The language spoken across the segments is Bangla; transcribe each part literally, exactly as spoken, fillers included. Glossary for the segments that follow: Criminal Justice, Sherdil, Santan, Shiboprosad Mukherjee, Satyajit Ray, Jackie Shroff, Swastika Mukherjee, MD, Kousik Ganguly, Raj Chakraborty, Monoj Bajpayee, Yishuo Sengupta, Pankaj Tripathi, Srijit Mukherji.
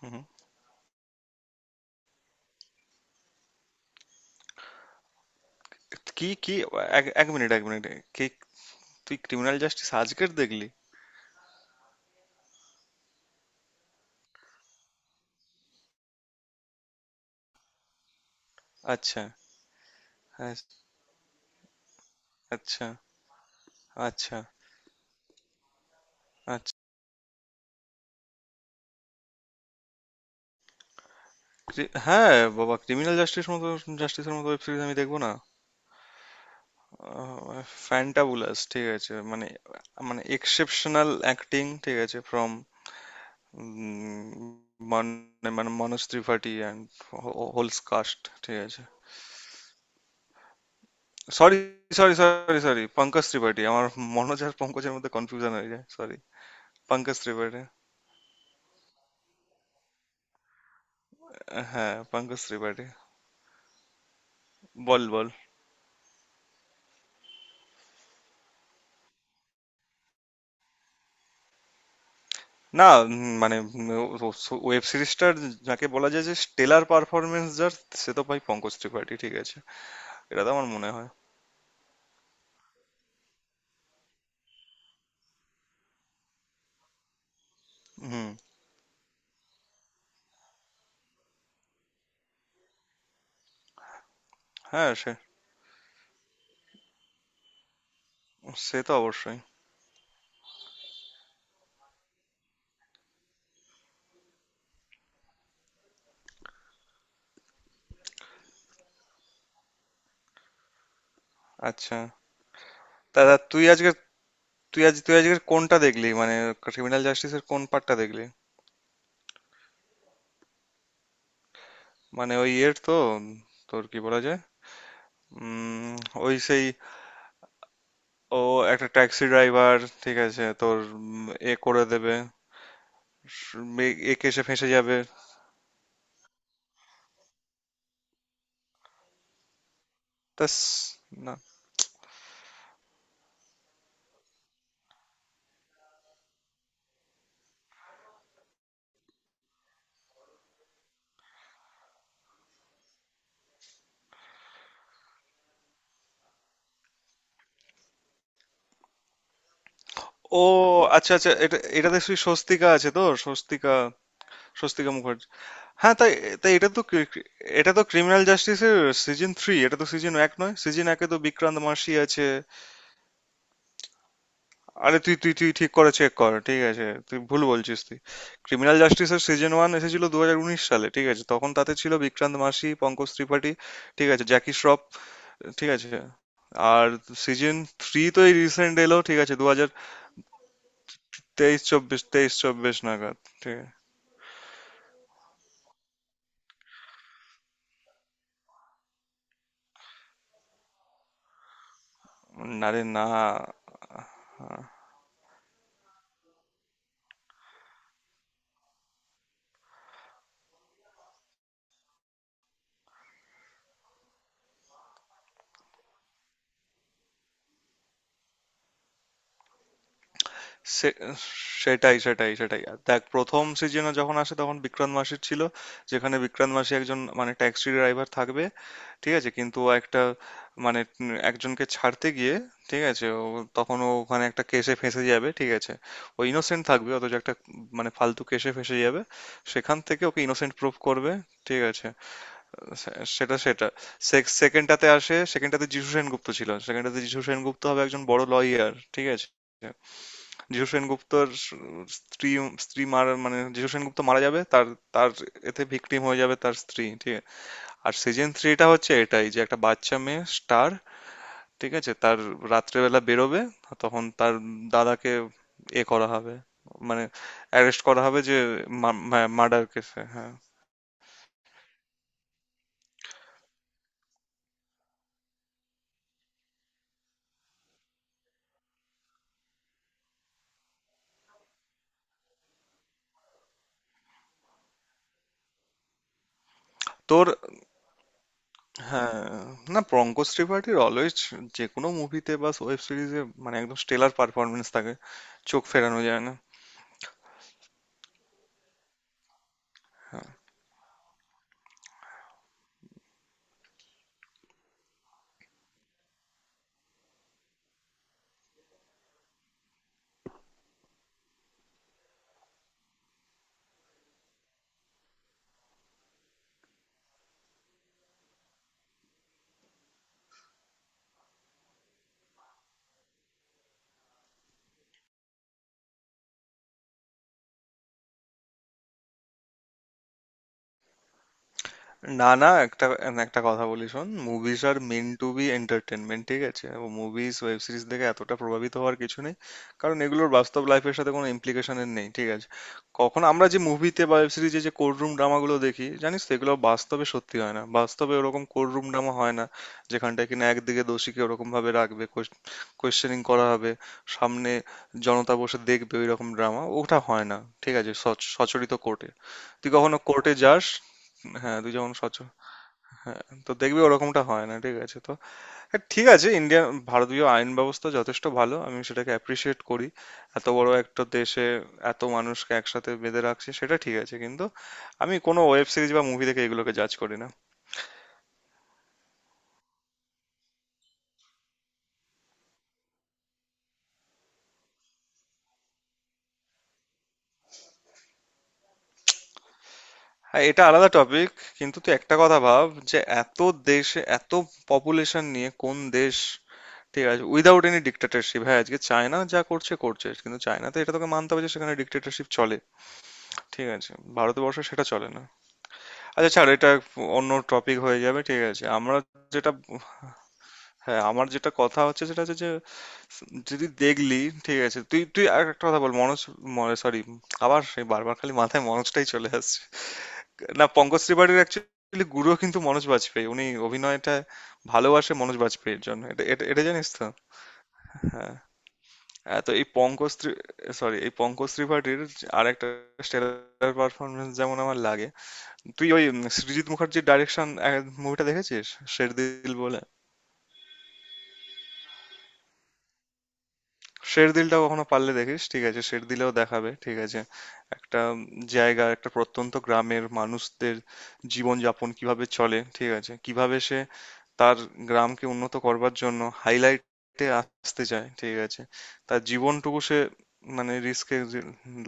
হুম, হুম। কি কি? এক এক মিনিট এক মিনিট। কি? তুই ক্রিমিনাল জাস্টিস আজকের দেখলি? আচ্ছা। হ্যাঁ। আচ্ছা। আচ্ছা। আচ্ছা। ক্রি- হ্যাঁ। বাবা, ক্রিমিনাল জাস্টিস মতো, জাস্টিসের মতো ওয়েব সিরিজ আমি দেখবো না। ফ্যান্টাবুলাস, ঠিক আছে, মানে। মানে এক্সেপশনাল অ্যাক্টিং, ঠিক আছে, ফ্রম, মানে, Manoj Tripathi and whole cast, ঠিক আছে। Sorry, sorry, sorry, sorry, Pankaj Tripathi আমার। মনোজ আর পঙ্কজের মধ্যে কনফিউশন হয়ে যায়, সরি। পঙ্কজ ত্রিপাঠী। হ্যাঁ, পঙ্কজ ত্রিপাঠী। বল বল না, উম, মানে, ওয়েব সিরিজটার যাকে বলা যায় যে স্টেলার পারফরমেন্স, যার সে তো ভাই পঙ্কজ ত্রিপাঠী, ঠিক আছে। এটা তো আমার মনে হয়। হুম। হ্যাঁ, সে। সে তো অবশ্যই। আচ্ছা দাদা, তুই আজকে তুই আজ তুই আজকে কোনটা দেখলি মানে, ক্রিমিনাল জাস্টিসের কোন পার্টটা দেখলি? মানে, ওই ইয়ের তো, উম, তোর কি বলা যায়, উম ওই সেই, ও, একটা ট্যাক্সি ড্রাইভার, ঠিক আছে, তোর উম, এ করে দেবে, স- এ- একে এসে ফেঁসে যাবে। তাস। না। ও, আচ্ছা আচ্ছা, এটা এটাতে সেই স্বস্তিকা আছে তো, স্বস্তিকা, স্বস্তিকা মুখার্জি। হ্যাঁ তাই? তাই এটা তো cri- cri- এটা তো ক্রিমিনাল জাস্টিসের সিজন থ্রি, এটা তো সিজন এক নয়, সিজন একে তো বিক্রান্ত মাসি আছে। আরে, তুই তুই তুই ঠিক করে চেক কর, ঠিক আছে, তুই ভুল বলছিস তুই। ক্রিমিনাল জাস্টিসের সিজন ওয়ান এসেছিল দু হাজার উনিশ সালে, ঠিক আছে, তখন তাতে ছিল বিক্রান্ত মাসি, পঙ্কজ ত্রিপাঠী, ঠিক আছে, জ্যাকি শ্রফ, ঠিক আছে। আর সিজন থ্রি তো এই রিসেন্ট এলো, ঠিক আছে, দু হাজার তেইশ চব্বিশ, তেইশ চব্বিশ নাগাদ, ঠিক আছে। আরে না, সে- সেটাই, সেটাই, সেটাই। আর দেখ, প্রথম সিজনে যখন আসে তখন বিক্রান্ত মাসি ছিল, যেখানে বিক্রান্ত মাসি একজন মানে ট্যাক্সি ড্রাইভার থাকবে, ঠিক আছে। কিন্তু ও একটা, মানে উম একজনকে ছাড়তে গিয়ে, ঠিক আছে, ও, তখন ও ওখানে একটা কেসে ফেঁসে যাবে, ঠিক আছে। ও ইনোসেন্ট থাকবে, অথচ একটা মানে ফালতু কেসে ফেঁসে যাবে। সেখান থেকে ওকে ইনোসেন্ট প্রুভ করবে, ঠিক আছে। সে- সেটা সেটা সে- সেকেন্ডটাতে আসে, সেকেন্ডটাতে যীশু সেনগুপ্ত ছিল, সেকেন্ডটাতে যীশু সেনগুপ্ত হবে একজন বড় লয়ার, ঠিক আছে। যীশু সেনগুপ্তর স- স্ত্রী, স্ত্রী মারা, মানে যীশু সেনগুপ্ত মারা যাবে তার, তার এতে ভিকটিম হয়ে যাবে তার স্ত্রী, ঠিক আছে। আর সিজন থ্রিটা হচ্ছে এটাই, যে একটা বাচ্চা মেয়ে স্টার, ঠিক আছে, তার রাত্রেবেলা বেরোবে, তখন তার দাদাকে এ করা হবে, মানে অ্যারেস্ট করা হবে যে মার্ডার কেসে, হ্যাঁ। তোর। হ্যাঁ। না, পঙ্কজ ত্রিপাঠীর অলওয়েজ যে কোনো মুভিতে বা ওয়েব সিরিজে মানে একদম স্টেলার পারফরমেন্স থাকে, চোখ ফেরানো যায় না। না না, একটা একটা কথা বলি, শোন, movies are meant to be entertainment, ঠিক আছে, ও মুভিজ ওয়েব সিরিজ দেখে এতটা প্রভাবিত হওয়ার কিছু নেই। কারণ এগুলোর বাস্তব লাইফের সাথে কোনো ইমপ্লিকেশনের নেই, ঠিক আছে। কখন আমরা যে মুভিতে বা ওয়েব সিরিজে যে কোর্টরুম ড্রামাগুলো দেখি, জানিস তো, এগুলো বাস্তবে সত্যি হয় না, বাস্তবে ওরকম কোর্টরুম ড্রামা হয় না, যেখানটায় কিনা একদিকে দোষীকে ওরকম ভাবে রাখবে, কোয়েশ্চেনিং করা হবে, সামনে জনতা বসে দেখবে ওইরকম ড্রামা, ওটা হয় না, ঠিক আছে, সচ- সচরিত কোর্টে। তুই কখনো কোর্টে যাস? হ্যাঁ, তুই যেমন সচেতন। হ্যাঁ, তো দেখবি ওরকমটা হয় না, ঠিক আছে, তো হ্যাঁ, ঠিক আছে, ইন্ডিয়ান ভারতীয় আইন ব্যবস্থা যথেষ্ট ভালো, আমি সেটাকে অ্যাপ্রিসিয়েট করি। এত বড় একটা দেশে এত মানুষকে একসাথে বেঁধে রাখছে সেটা, ঠিক আছে, কিন্তু আমি কোনো ওয়েব সিরিজ বা মুভি দেখে এগুলোকে জাজ করি না। হ্যাঁ, এটা আলাদা টপিক। কিন্তু তুই একটা কথা ভাব, যে এত দেশে এত পপুলেশন নিয়ে কোন দেশ, ঠিক আছে, উইদাউট এনি ডিক্টেটরশিপ। হ্যাঁ, আজকে চায়না যা করছে করছে, কিন্তু চায়নাতে এটা তোকে মানতে হবে যে সেখানে ডিক্টেটরশিপ চলে, ঠিক আছে। ভারতবর্ষে সেটা চলে না। আচ্ছা ছাড় এটা, অন্য টপিক হয়ে যাবে, ঠিক আছে। আমরা যেটা, হ্যাঁ, আমার যেটা কথা হচ্ছে সেটা হচ্ছে যে, যদি দেখলি, ঠিক আছে, তুই তুই আর একটা কথা বল, মনোজ মনে, সরি, আবার সেই বারবার খালি মাথায় মনোজটাই চলে আসছে। না পঙ্কজ ত্রিপাঠীর অ্যাকচুয়ালি গুরু কিন্তু মনোজ বাজপেয়ী, উনি অভিনয়টা ভালোবাসে মনোজ বাজপেয়ীর জন্য, এটা এটা এটা জানিস তো। হ্যাঁ, হ্যাঁ, তো এই পঙ্কজ, সরি, এই পঙ্কজ ত্রিপাঠীর আর একটা স্টেলার পারফরমেন্স যেমন আমার লাগে, তুই ওই উম সৃজিত মুখার্জির ডাইরেকশন মুভিটা দেখেছিস শেরদিল বলে? শেরদিলটা কখনো পারলে দেখিস, ঠিক আছে, শেরদিলেও দেখাবে, ঠিক আছে, একটা উম জায়গা, একটা প্রত্যন্ত গ্রামের মানুষদের জীবনযাপন কিভাবে চলে, ঠিক আছে, কিভাবে সে তার গ্রামকে উন্নত করবার জন্য হাইলাইটে আসতে চায়, ঠিক আছে, তার জীবনটুকু সে মানে রিস্কে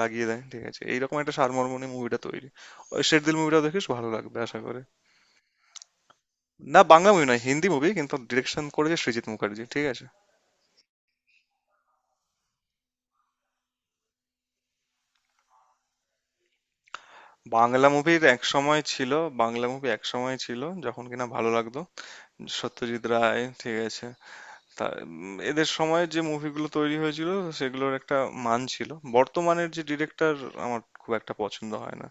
লাগিয়ে দেয়, ঠিক আছে, এইরকম একটা সারমর্ম নিয়ে মুভিটা তৈরি। ওই শেরদিল মুভিটা দেখিস, ভালো লাগবে আশা করি। না বাংলা মুভি নয়, হিন্দি মুভি, কিন্তু ডিরেকশন করেছে সৃজিত মুখার্জি, ঠিক আছে। বাংলা মুভির এক সময় ছিল, বাংলা মুভি এক সময় ছিল যখন কিনা ভালো লাগতো, সত্যজিৎ রায়, ঠিক আছে। তা উম, এদের সময় যে মুভিগুলো তৈরি হয়েছিল সেগুলোর একটা মান ছিল। বর্তমানের যে ডিরেক্টর, আমার খুব একটা পছন্দ হয় না,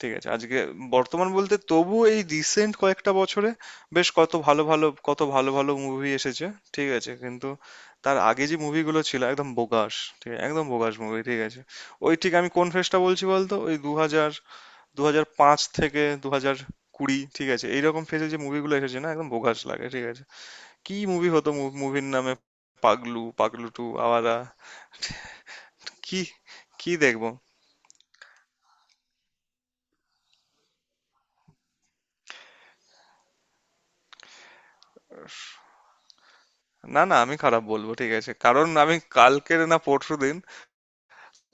ঠিক আছে। আজকে বর্তমান বলতে তবু এই রিসেন্ট কয়েকটা বছরে বেশ কত ভালো ভালো, কত ভালো ভালো মুভি এসেছে, ঠিক আছে, কিন্তু তার আগে যে মুভিগুলো ছিল একদম বোগাস, ঠিক আছে, একদম বোগাস মুভি, ঠিক আছে। ওই ঠিক আমি কোন ফেজটা বলছি বলতো, ওই দু হাজার দু হাজার পাঁচ থেকে দু হাজার কুড়ি, ঠিক আছে, এইরকম ফেজে যে মুভিগুলো এসেছে না একদম বোগাস লাগে, ঠিক আছে। কি মুভি হতো, মুভির নামে পাগলু, পাগলু টু, আওয়ারা। কি কি দেখবো? না না, আমি খারাপ বলবো, ঠিক আছে, কারণ আমি কালকের না, পরশু দিন,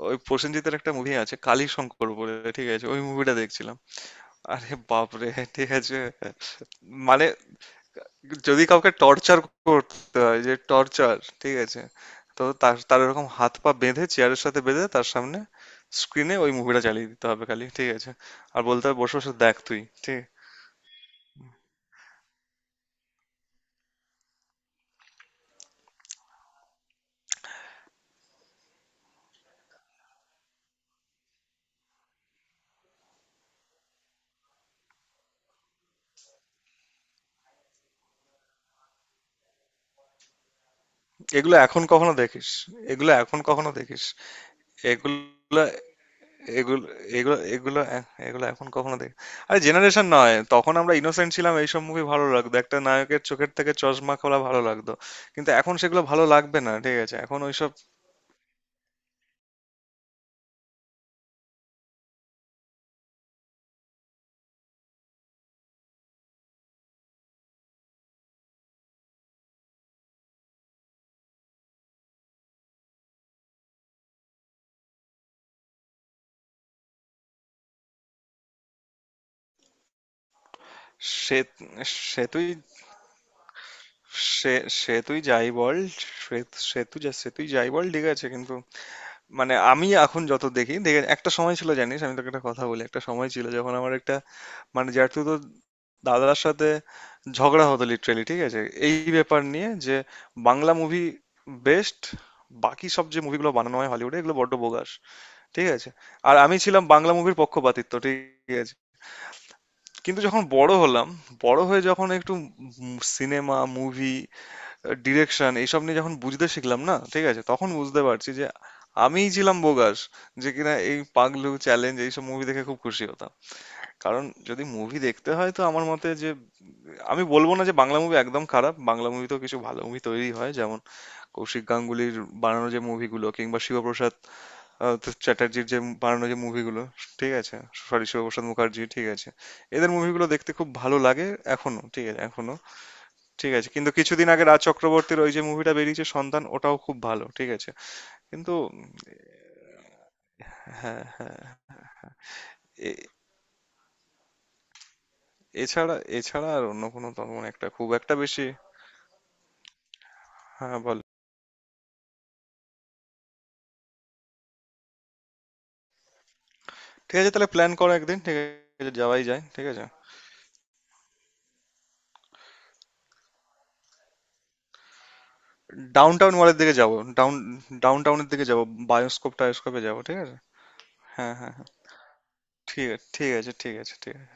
ওই প্রসেনজিতের একটা মুভি আছে কালীশঙ্কর বলে, ঠিক আছে, ওই মুভিটা দেখছিলাম। আরে বাপরে, ঠিক আছে, মানে, যদি কাউকে টর্চার করতে হয়, যে টর্চার, ঠিক আছে, তো তার তার এরকম হাত পা বেঁধে চেয়ারের সাথে বেঁধে তার সামনে স্ক্রিনে ওই মুভিটা চালিয়ে দিতে হবে খালি, ঠিক আছে, আর বলতে হবে বসে বসে দেখ তুই ঠিক। এগুলো এখন কখনো দেখিস এগুলো এখন কখনো দেখিস এগুলো এগুলো এগুলো এগুলো এ- এগুলো এখন কখনো দেখ। আরে জেনারেশন নয়, তখন আমরা ইনোসেন্ট ছিলাম, এইসব মুভি ভালো লাগতো, একটা নায়কের চোখের থেকে চশমা খোলা ভালো লাগতো, কিন্তু এখন সেগুলো ভালো লাগবে না, ঠিক আছে, এখন ওইসব। সে সে তুই সে সে তুই যাই বল সে সে তুই যা সে তুই যাই বল, ঠিক আছে, কিন্তু মানে আমি এখন যত দেখি, দেখে একটা সময় ছিল জানিস, আমি তোকে একটা কথা বলি, একটা সময় ছিল যখন আমার একটা মানে, যেহেতু তো দাদার সাথে ঝগড়া হতো লিটারেলি, ঠিক আছে, এই ব্যাপার নিয়ে, যে বাংলা মুভি বেস্ট, বাকি সব যে মুভিগুলো বানানো হয় হলিউডে এগুলো বড্ড বোগাস, ঠিক আছে, আর আমি ছিলাম বাংলা মুভির পক্ষপাতিত্ব, ঠিক আছে। কিন্তু যখন বড় হলাম, বড় হয়ে যখন একটু সিনেমা, মুভি, ডিরেকশন এইসব নিয়ে যখন বুঝতে শিখলাম না, ঠিক আছে, তখন বুঝতে পারছি যে আমিই ছিলাম বোগাস, যে কিনা এই পাগলু চ্যালেঞ্জ এইসব মুভি দেখে খুব খুশি হতাম। কারণ যদি মুভি দেখতে হয় তো আমার মতে যে, আমি বলবো না যে বাংলা মুভি একদম খারাপ, বাংলা মুভিতেও কিছু ভালো মুভি তৈরি হয় যেমন কৌশিক গাঙ্গুলির বানানো যে মুভিগুলো, কিংবা শিবপ্রসাদ, আহ, তো চ্যাটার্জির যে বানানো যে মুভিগুলো, ঠিক আছে, সরি শিবপ্রসাদ মুখার্জি, ঠিক আছে, এদের মুভিগুলো দেখতে খুব ভালো লাগে এখনো, ঠিক আছে, এখনো ঠিক আছে। কিন্তু কিছুদিন আগে রাজ চক্রবর্তীর ওই যে মুভিটা বেরিয়েছে সন্তান, ওটাও খুব ভালো, ঠিক আছে। কিন্তু হ্যাঁ, এ- এছাড়া এছাড়া আর অন্য কোনো তেমন একটা খুব একটা বেশি। হ্যাঁ বল। ঠিক আছে, তাহলে প্ল্যান করো একদিন, ঠিক আছে, যাওয়াই যায়, ঠিক আছে। ডাউনটাউন মলের দিকে যাবো, ডাউন, ডাউনটাউনের দিকে যাবো, বায়োস্কোপ টায়োস্কোপে যাবো, ঠিক আছে। হ্যাঁ, হ্যাঁ, হ্যাঁ, ঠিক আছে, ঠিক আছে, ঠিক আছে, ঠিক আছে।